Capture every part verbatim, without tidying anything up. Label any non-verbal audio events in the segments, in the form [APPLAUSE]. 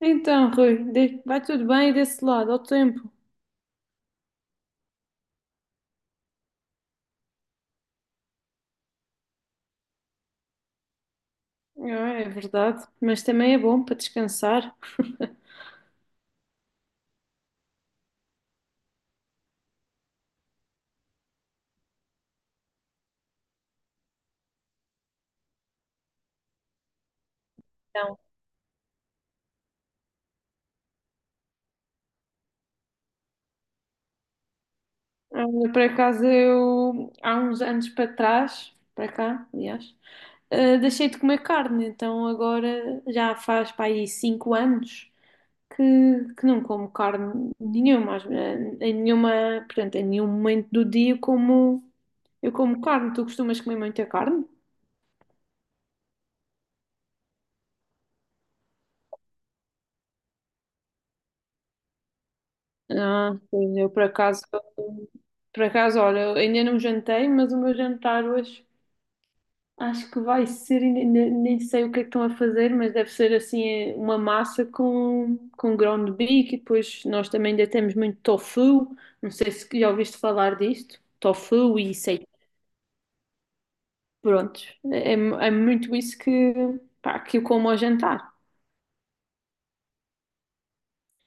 Então, Rui, de- vai tudo bem desse lado, ao tempo. Ah, é verdade, mas também é bom para descansar. [LAUGHS] Não. Ah, por acaso, eu, há uns anos para trás, para cá, aliás, ah, deixei de comer carne, então agora já faz para aí cinco anos que, que não como carne nenhuma, às- eh, em nenhuma, portanto, em nenhum momento do dia eu como, eu como carne. Tu costumas comer muita carne? Ah, pois eu por acaso, por acaso, olha, eu ainda não jantei, mas o meu jantar hoje acho que vai ser, ainda- nem, nem sei o que é que estão a fazer, mas deve ser assim eh, uma massa com, com ground beef e depois nós também ainda temos muito tofu, não sei se já ouviste falar disto, tofu e sei, pronto, é, é é muito isso que, pá, que eu como ao jantar.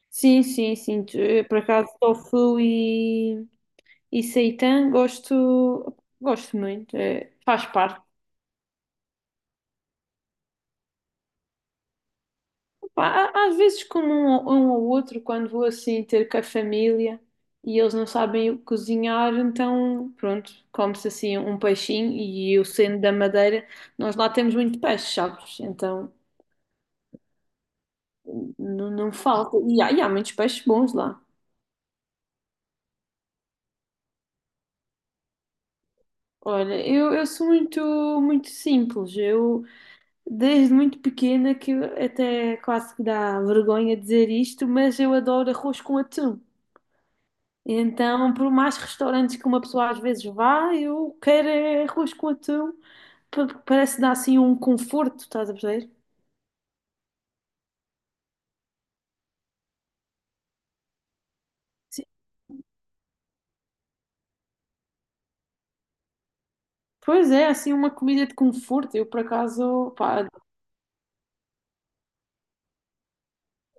Sim, sim, sim, por acaso tofu e seitã gosto, gosto muito, eh, faz parte. Pá, há- às vezes como um, ou- um ou outro, quando vou assim ter com a família e eles não sabem o que cozinhar, então pronto, come-se assim um peixinho e eu sendo da Madeira, nós lá temos muito peixe, sabes? Então n- não falta. E há, e há muitos peixes bons lá. Olha, eu, eu sou muito, muito simples, eu... Desde muito pequena que eu até quase que dá vergonha dizer isto, mas eu adoro arroz com atum. Então, por mais restaurantes que uma pessoa às vezes vá, eu quero é arroz com atum, porque parece dar assim um conforto, estás a perceber? Sim. Pois é, assim uma comida de conforto. Eu por acaso, pá,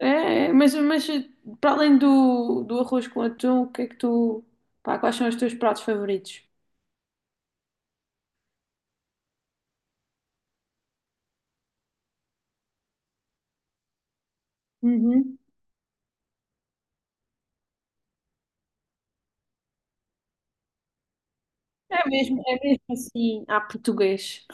é, é, mas, mas para além do, do arroz com atum, o que é que tu, pá, quais são os teus pratos favoritos? Uhum. É mesmo, é mesmo assim, à português.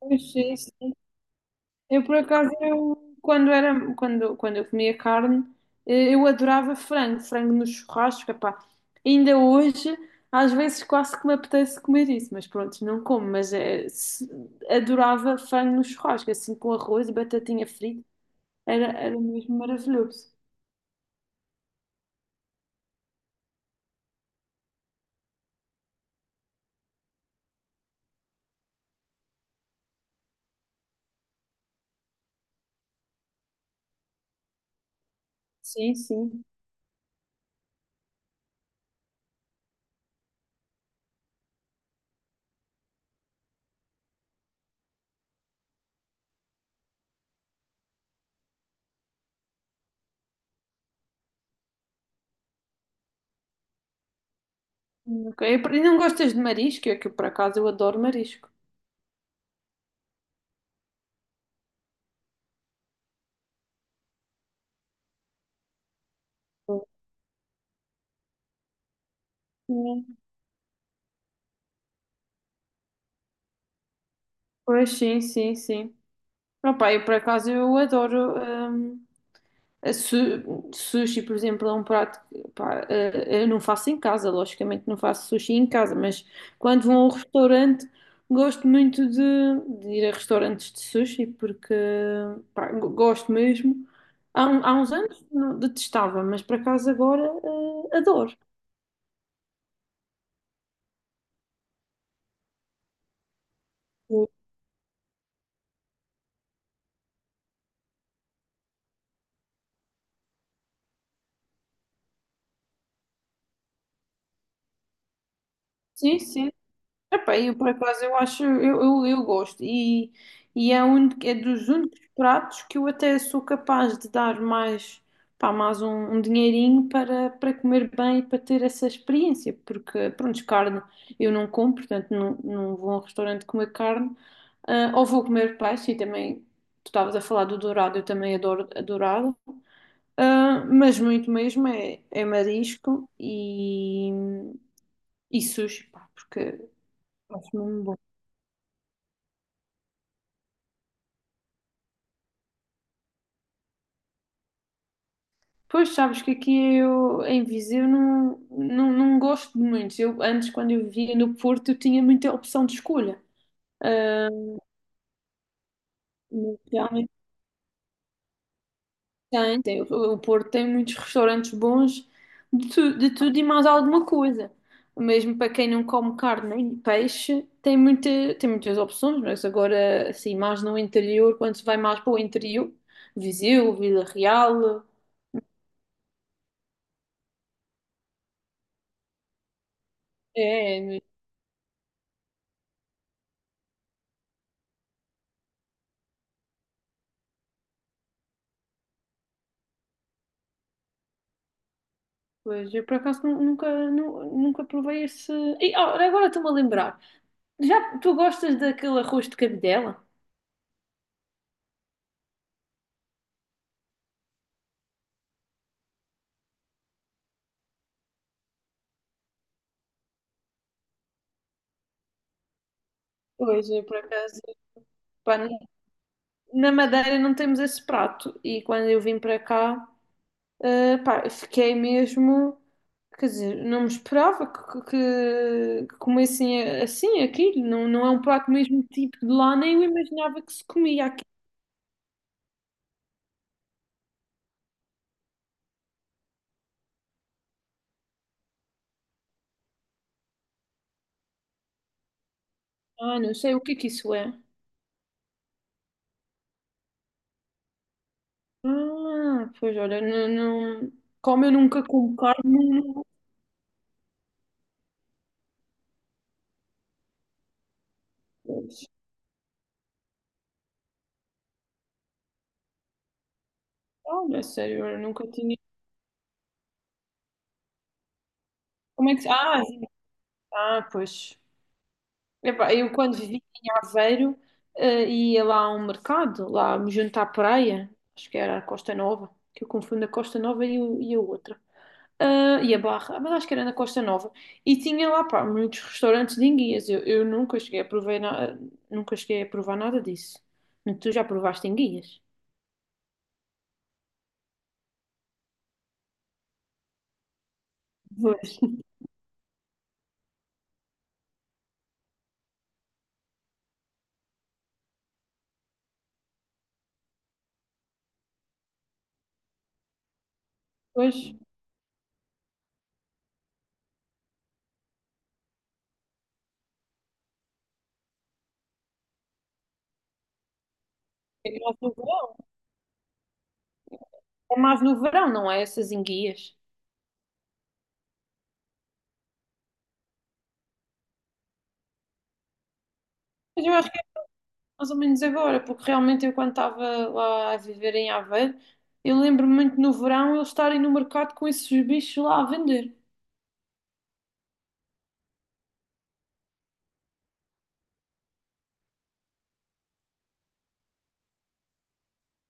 Pois sim. Eu, por acaso, eu, quando era, quando, quando eu comia carne, eh, eu adorava frango, frango no churrasco, epá. Ainda hoje, às vezes quase que me apetece comer isso, mas pronto, não como, mas eh, se- adorava frango no churrasco, assim com arroz e batatinha frita, era, era mesmo maravilhoso. Sim, sim. Nunca- eu- E não gostas de marisco? É que por acaso eu adoro marisco. Sim. Pois sim, sim, sim. Opa, eu por acaso eu adoro. hum, A su- Sushi, por exemplo, é um prato que pá, eh, eu não faço em casa, logicamente não faço sushi em casa, mas quando vou a um restaurante, gosto muito de, de ir a restaurantes de sushi porque pá, go- gosto mesmo. Há, um- há uns anos não- detestava, mas por acaso agora eh, adoro. Sim, sim. Epá, eu por acaso eu acho, eu, eu, eu gosto e, e é, um, é dos únicos pratos que eu até sou capaz de dar mais, pá, mais um, um dinheirinho para, para comer bem e para ter essa experiência, porque pronto, carne eu não como, portanto não, não vou a um restaurante comer carne, ah, ou vou comer peixe e também, tu estavas a falar do dourado, eu também adoro a dourada, ah, mas muito mesmo é, é marisco e, e sushi, pá, porque acho mesmo bom. Pois sabes que aqui eu, em Viseu não, não, não gosto de muitos. Eu, antes, quando eu vivia no Porto, eu tinha muita opção de escolha. Ah, mas realmente tem, tem. O o Porto tem muitos restaurantes bons de, tu- de tudo e mais alguma coisa. Mesmo para quem não come carne nem peixe, tem, muita, tem muitas opções, mas agora, assim, mais no interior, quando se vai mais para o interior, Viseu, Vila Real, é. Pois, eu por acaso nu- nunca, nu- nunca provei esse. E, ó, agora estou-me a lembrar. Já tu gostas daquele arroz de cabidela? Pois, eu por acaso, pá, n- na Madeira não temos esse prato e quando eu vim para cá, eh, pá, fiquei mesmo. Quer dizer, não me esperava que, que, que comessem assim aquilo. Não, não é um prato mesmo tipo de lá, nem eu imaginava que se comia aqui. Ah, não sei o que é que isso é. Ah, pois olha, não, não- como eu nunca como carne. Olha, sério, eu nunca tinha. Como é que. Ah, sim. Ah, pois. Epá, eu quando vivi em Aveiro, eh, ia lá a um mercado, lá me junto à praia, acho que era a Costa Nova, que eu confundo a Costa Nova e, o- e a outra. Ah, e a Barra, ah, mas acho que era na Costa Nova. E tinha lá, pá, muitos restaurantes de enguias. Eu, eu nunca cheguei a provar, na- nunca cheguei a provar nada disso. Tu já provaste enguias? Pois. Pois. É mais no verão, é mais no verão, não é essas enguias. Mas eu acho mais ou menos agora, porque realmente eu quando estava lá a viver em Aveiro, eu lembro-me muito no verão eles estarem no mercado com esses bichos lá a vender.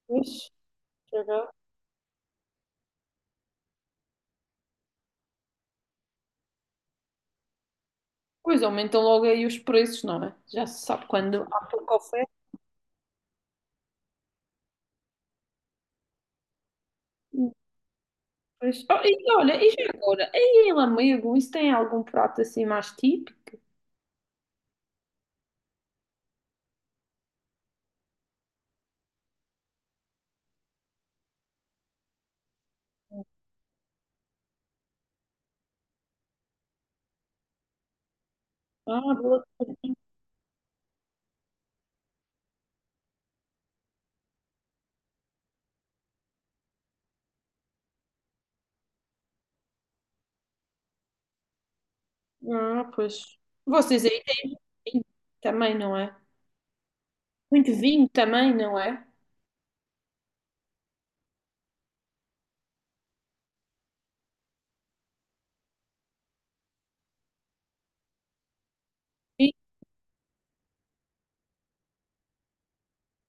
Pois, agora- pois aumentam logo aí os preços, não é? Já se sabe quando há pouca oferta. Pois, oh, e olha, e já agora? Aí em Lamego, isso tem algum prato assim mais típico? Ah, boa. Ah, pois. Vocês aí têm vinho também, não é? Muito vinho também, não é?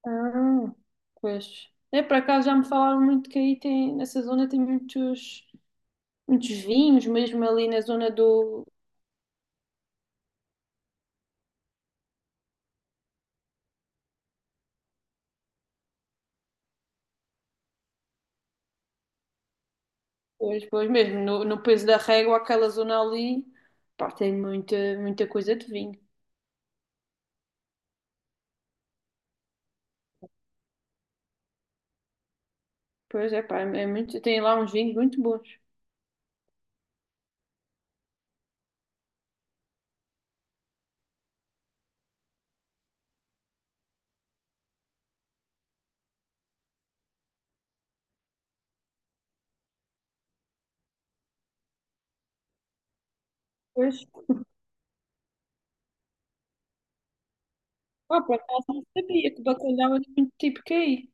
Ah, pois. É, por acaso já me falaram muito que aí tem, nessa zona tem muitos, muitos vinhos, mesmo ali na zona do. Pois, pois mesmo, no, no Peso da Régua, aquela zona ali, pá, tem muita, muita coisa de vinho. Pois é, pá, é muito, tem lá uns vinhos muito bons. Pois, pá, por acaso não sabia que bacalhau era muito típico aí.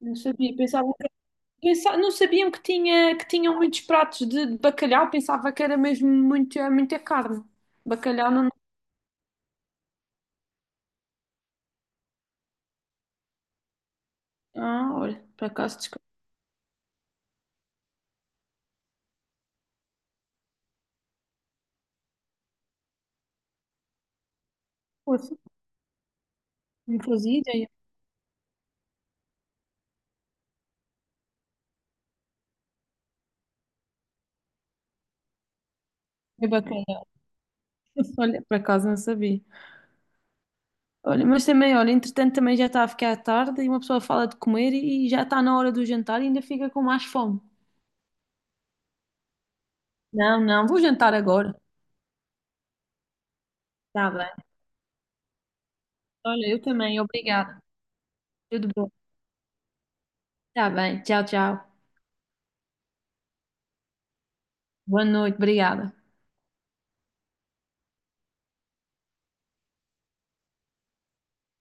Não sabia, pensava que, pensa- não sabiam que tinha, que tinham muitos pratos de, de bacalhau, pensava que era mesmo muita, muita carne. Bacalhau não. Ah, olha, por acaso desconheço. Não fazia ideia. É bacana. [LAUGHS] Olha, por acaso não sabia. Olha, mas também, olha, entretanto também já está a ficar tarde e uma pessoa fala de comer e já está na hora do jantar e ainda fica com mais fome. Não, não, vou jantar agora. Tá bem. Olha, eu também, obrigada. Tudo bom. Tá bem, tchau, tchau. Boa noite, obrigada.